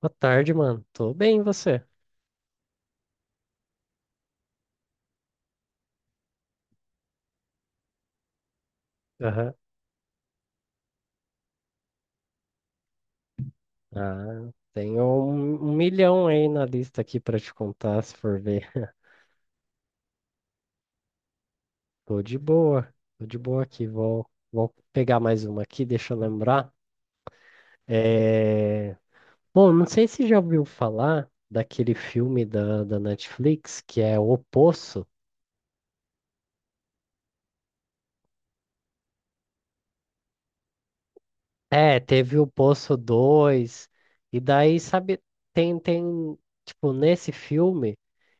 Boa tarde, mano. Tô bem, e você? Aham. Ah, tenho um milhão aí na lista aqui pra te contar, se for ver. Tô de boa. Tô de boa aqui. Vou pegar mais uma aqui, deixa eu lembrar. É... Bom, não sei se já ouviu falar daquele filme da Netflix que é O Poço. É, teve o Poço 2 e daí, sabe, tem, tem, tipo, nesse filme,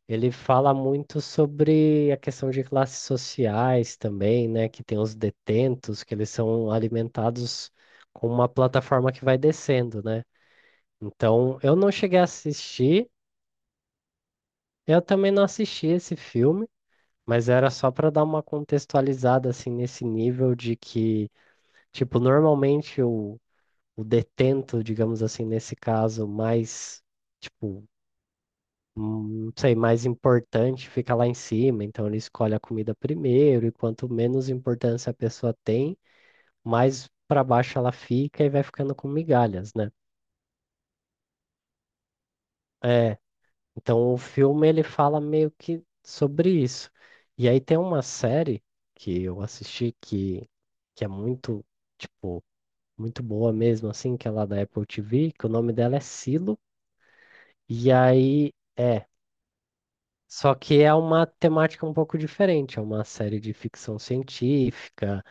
ele fala muito sobre a questão de classes sociais também, né, que tem os detentos, que eles são alimentados com uma plataforma que vai descendo, né? Então, eu não cheguei a assistir, eu também não assisti esse filme, mas era só para dar uma contextualizada, assim, nesse nível de que, tipo, normalmente o detento, digamos assim, nesse caso, mais, tipo, não sei, mais importante fica lá em cima, então ele escolhe a comida primeiro, e quanto menos importância a pessoa tem, mais para baixo ela fica e vai ficando com migalhas, né? É, então o filme ele fala meio que sobre isso. E aí tem uma série que eu assisti que é muito, tipo, muito boa mesmo, assim, que é lá da Apple TV, que o nome dela é Silo, e aí. Só que é uma temática um pouco diferente, é uma série de ficção científica,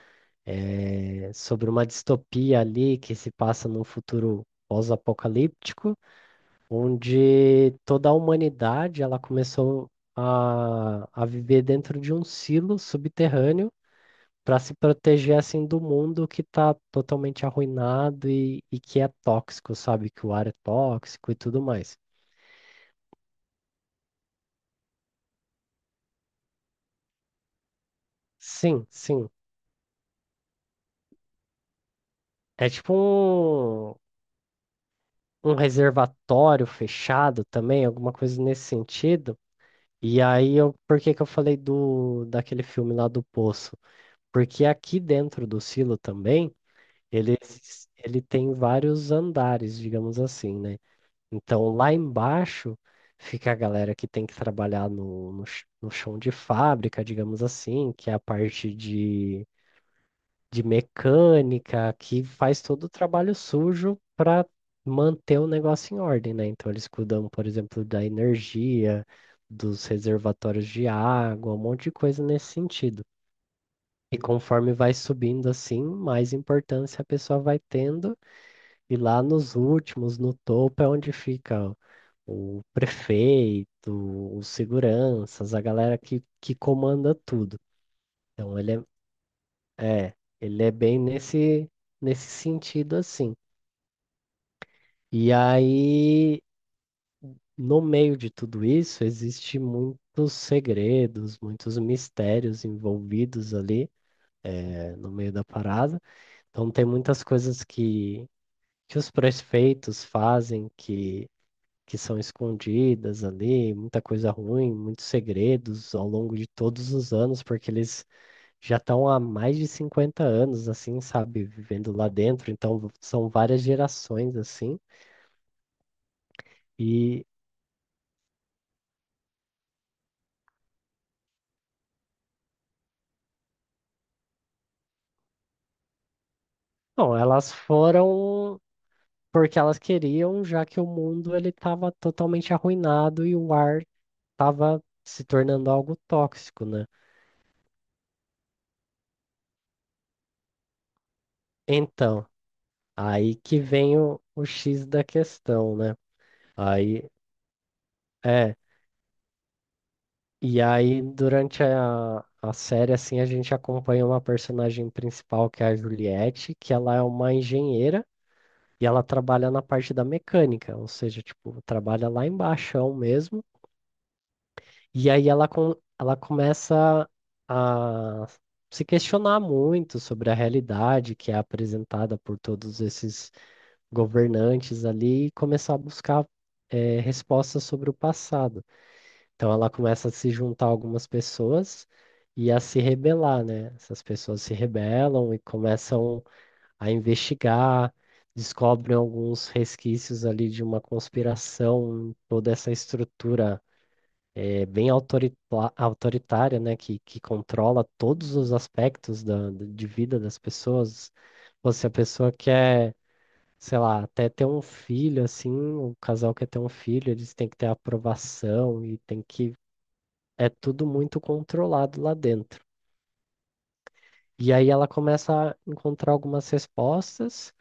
é, sobre uma distopia ali que se passa num futuro pós-apocalíptico, onde toda a humanidade ela começou a viver dentro de um silo subterrâneo para se proteger assim do mundo que está totalmente arruinado e que é tóxico, sabe? Que o ar é tóxico e tudo mais. Sim, sim. É tipo um, um reservatório fechado também, alguma coisa nesse sentido. E aí, eu, por que que eu falei do daquele filme lá do Poço? Porque aqui dentro do silo também, ele, ele tem vários andares, digamos assim, né? Então, lá embaixo fica a galera que tem que trabalhar no chão de fábrica, digamos assim, que é a parte de mecânica, que faz todo o trabalho sujo para manter o negócio em ordem, né? Então eles cuidam, por exemplo, da energia, dos reservatórios de água, um monte de coisa nesse sentido. E conforme vai subindo assim, mais importância a pessoa vai tendo, e lá nos últimos, no topo, é onde fica o prefeito, os seguranças, a galera que comanda tudo. Então ele é é, ele é bem nesse, nesse sentido assim. E aí, no meio de tudo isso, existe muitos segredos, muitos mistérios envolvidos ali, é, no meio da parada. Então, tem muitas coisas que os prefeitos fazem que são escondidas ali, muita coisa ruim, muitos segredos ao longo de todos os anos, porque eles já estão há mais de 50 anos, assim, sabe, vivendo lá dentro, então são várias gerações, assim, e, bom, elas foram porque elas queriam, já que o mundo ele estava totalmente arruinado e o ar estava se tornando algo tóxico, né? Então, aí que vem o X da questão, né? Aí, é, e aí durante a série, assim, a gente acompanha uma personagem principal, que é a Juliette, que ela é uma engenheira. E ela trabalha na parte da mecânica, ou seja, tipo, trabalha lá embaixo mesmo. E aí ela, com, ela começa a se questionar muito sobre a realidade que é apresentada por todos esses governantes ali e começar a buscar respostas sobre o passado. Então ela começa a se juntar a algumas pessoas e a se rebelar, né? Essas pessoas se rebelam e começam a investigar, descobrem alguns resquícios ali de uma conspiração, em toda essa estrutura é, autoritária, né, que controla todos os aspectos da, de vida das pessoas. Pô, se a pessoa quer, sei lá, até ter um filho, assim, o casal quer ter um filho, eles têm que ter aprovação e tem que. É tudo muito controlado lá dentro. E aí ela começa a encontrar algumas respostas.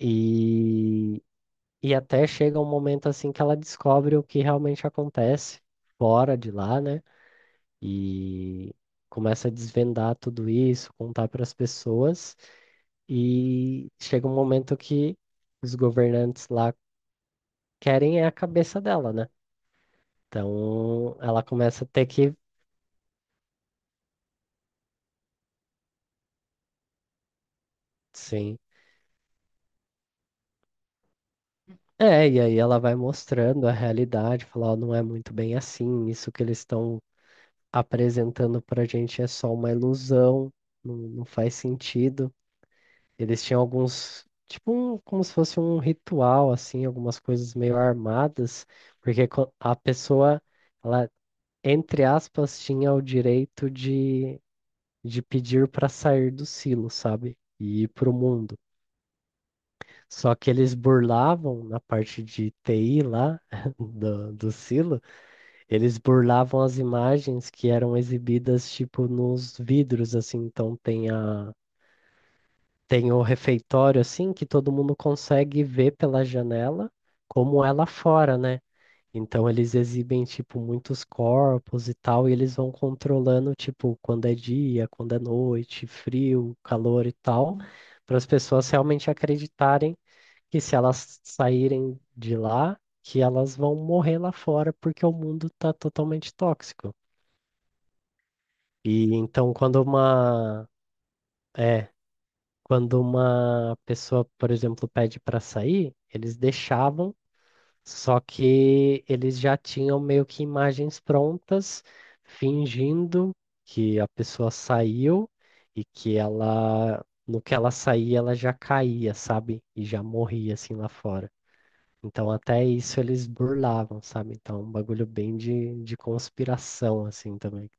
E E até chega um momento assim que ela descobre o que realmente acontece fora de lá, né? E começa a desvendar tudo isso, contar para as pessoas. E chega um momento que os governantes lá querem é a cabeça dela, né? Então ela começa a ter que, sim. É, e aí ela vai mostrando a realidade, falar, "Ó, não é muito bem assim, isso que eles estão apresentando pra gente é só uma ilusão, não, não faz sentido. Eles tinham alguns, tipo, como se fosse um ritual, assim, algumas coisas meio armadas, porque a pessoa, ela, entre aspas, tinha o direito de pedir para sair do silo, sabe? E ir para o mundo. Só que eles burlavam, na parte de TI lá, do silo, eles burlavam as imagens que eram exibidas, tipo, nos vidros, assim, então tem a Tem o refeitório, assim, que todo mundo consegue ver pela janela como é lá fora, né? Então eles exibem, tipo, muitos corpos e tal, e eles vão controlando, tipo, quando é dia, quando é noite, frio, calor e tal, para as pessoas realmente acreditarem que se elas saírem de lá, que elas vão morrer lá fora porque o mundo tá totalmente tóxico. E então quando uma. É, Quando uma pessoa, por exemplo, pede para sair, eles deixavam, só que eles já tinham meio que imagens prontas, fingindo que a pessoa saiu e que ela, no que ela saía, ela já caía, sabe? E já morria assim lá fora. Então, até isso eles burlavam, sabe? Então, é um bagulho bem de conspiração, assim também.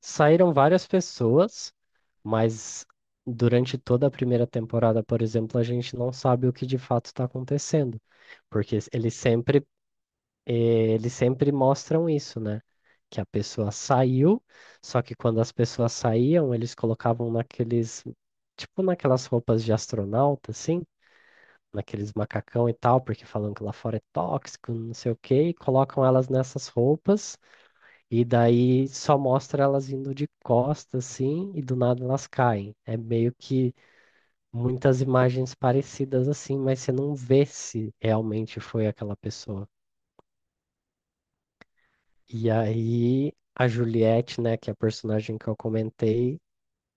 Saíram várias pessoas. Mas durante toda a primeira temporada, por exemplo, a gente não sabe o que de fato está acontecendo, porque eles sempre, eles sempre mostram isso, né? Que a pessoa saiu, só que quando as pessoas saíam, eles colocavam naqueles, tipo naquelas roupas de astronauta, assim, naqueles macacão e tal, porque falam que lá fora é tóxico, não sei o quê, e colocam elas nessas roupas, e daí só mostra elas indo de costas, assim, e do nada elas caem. É meio que muitas imagens parecidas assim, mas você não vê se realmente foi aquela pessoa. E aí a Juliette, né, que é a personagem que eu comentei,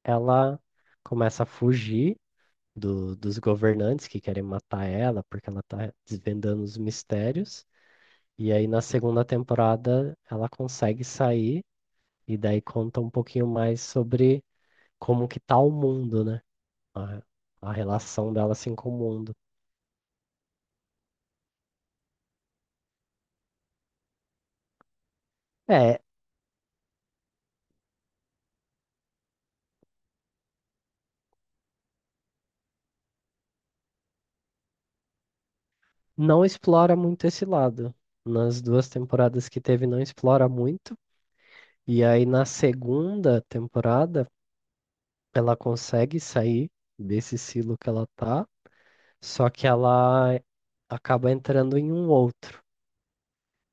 ela começa a fugir dos governantes que querem matar ela, porque ela tá desvendando os mistérios. E aí na segunda temporada ela consegue sair e daí conta um pouquinho mais sobre como que tá o mundo, né? A, a relação dela assim com o mundo. É, não explora muito esse lado. Nas duas temporadas que teve, não explora muito. E aí, na segunda temporada, ela consegue sair desse silo que ela tá, só que ela acaba entrando em um outro.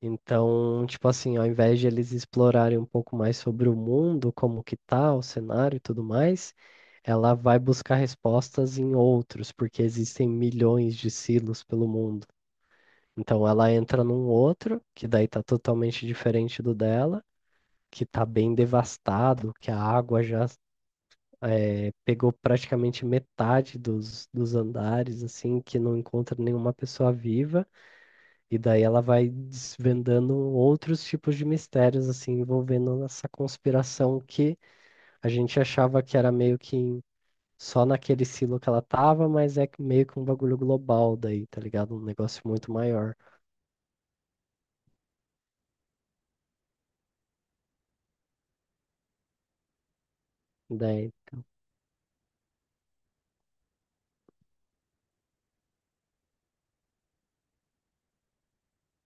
Então, tipo assim, ao invés de eles explorarem um pouco mais sobre o mundo, como que tá, o cenário e tudo mais, ela vai buscar respostas em outros, porque existem milhões de silos pelo mundo. Então ela entra num outro, que daí tá totalmente diferente do dela, que tá bem devastado, que a água já pegou praticamente metade dos, dos andares, assim, que não encontra nenhuma pessoa viva, e daí ela vai desvendando outros tipos de mistérios, assim, envolvendo essa conspiração que a gente achava que era meio que só naquele silo que ela tava, mas é que meio que um bagulho global daí, tá ligado? Um negócio muito maior. Daí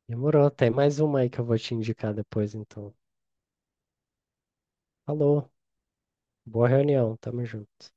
Demorou. Tem mais uma aí que eu vou te indicar depois, então. Falou. Boa reunião. Tamo junto.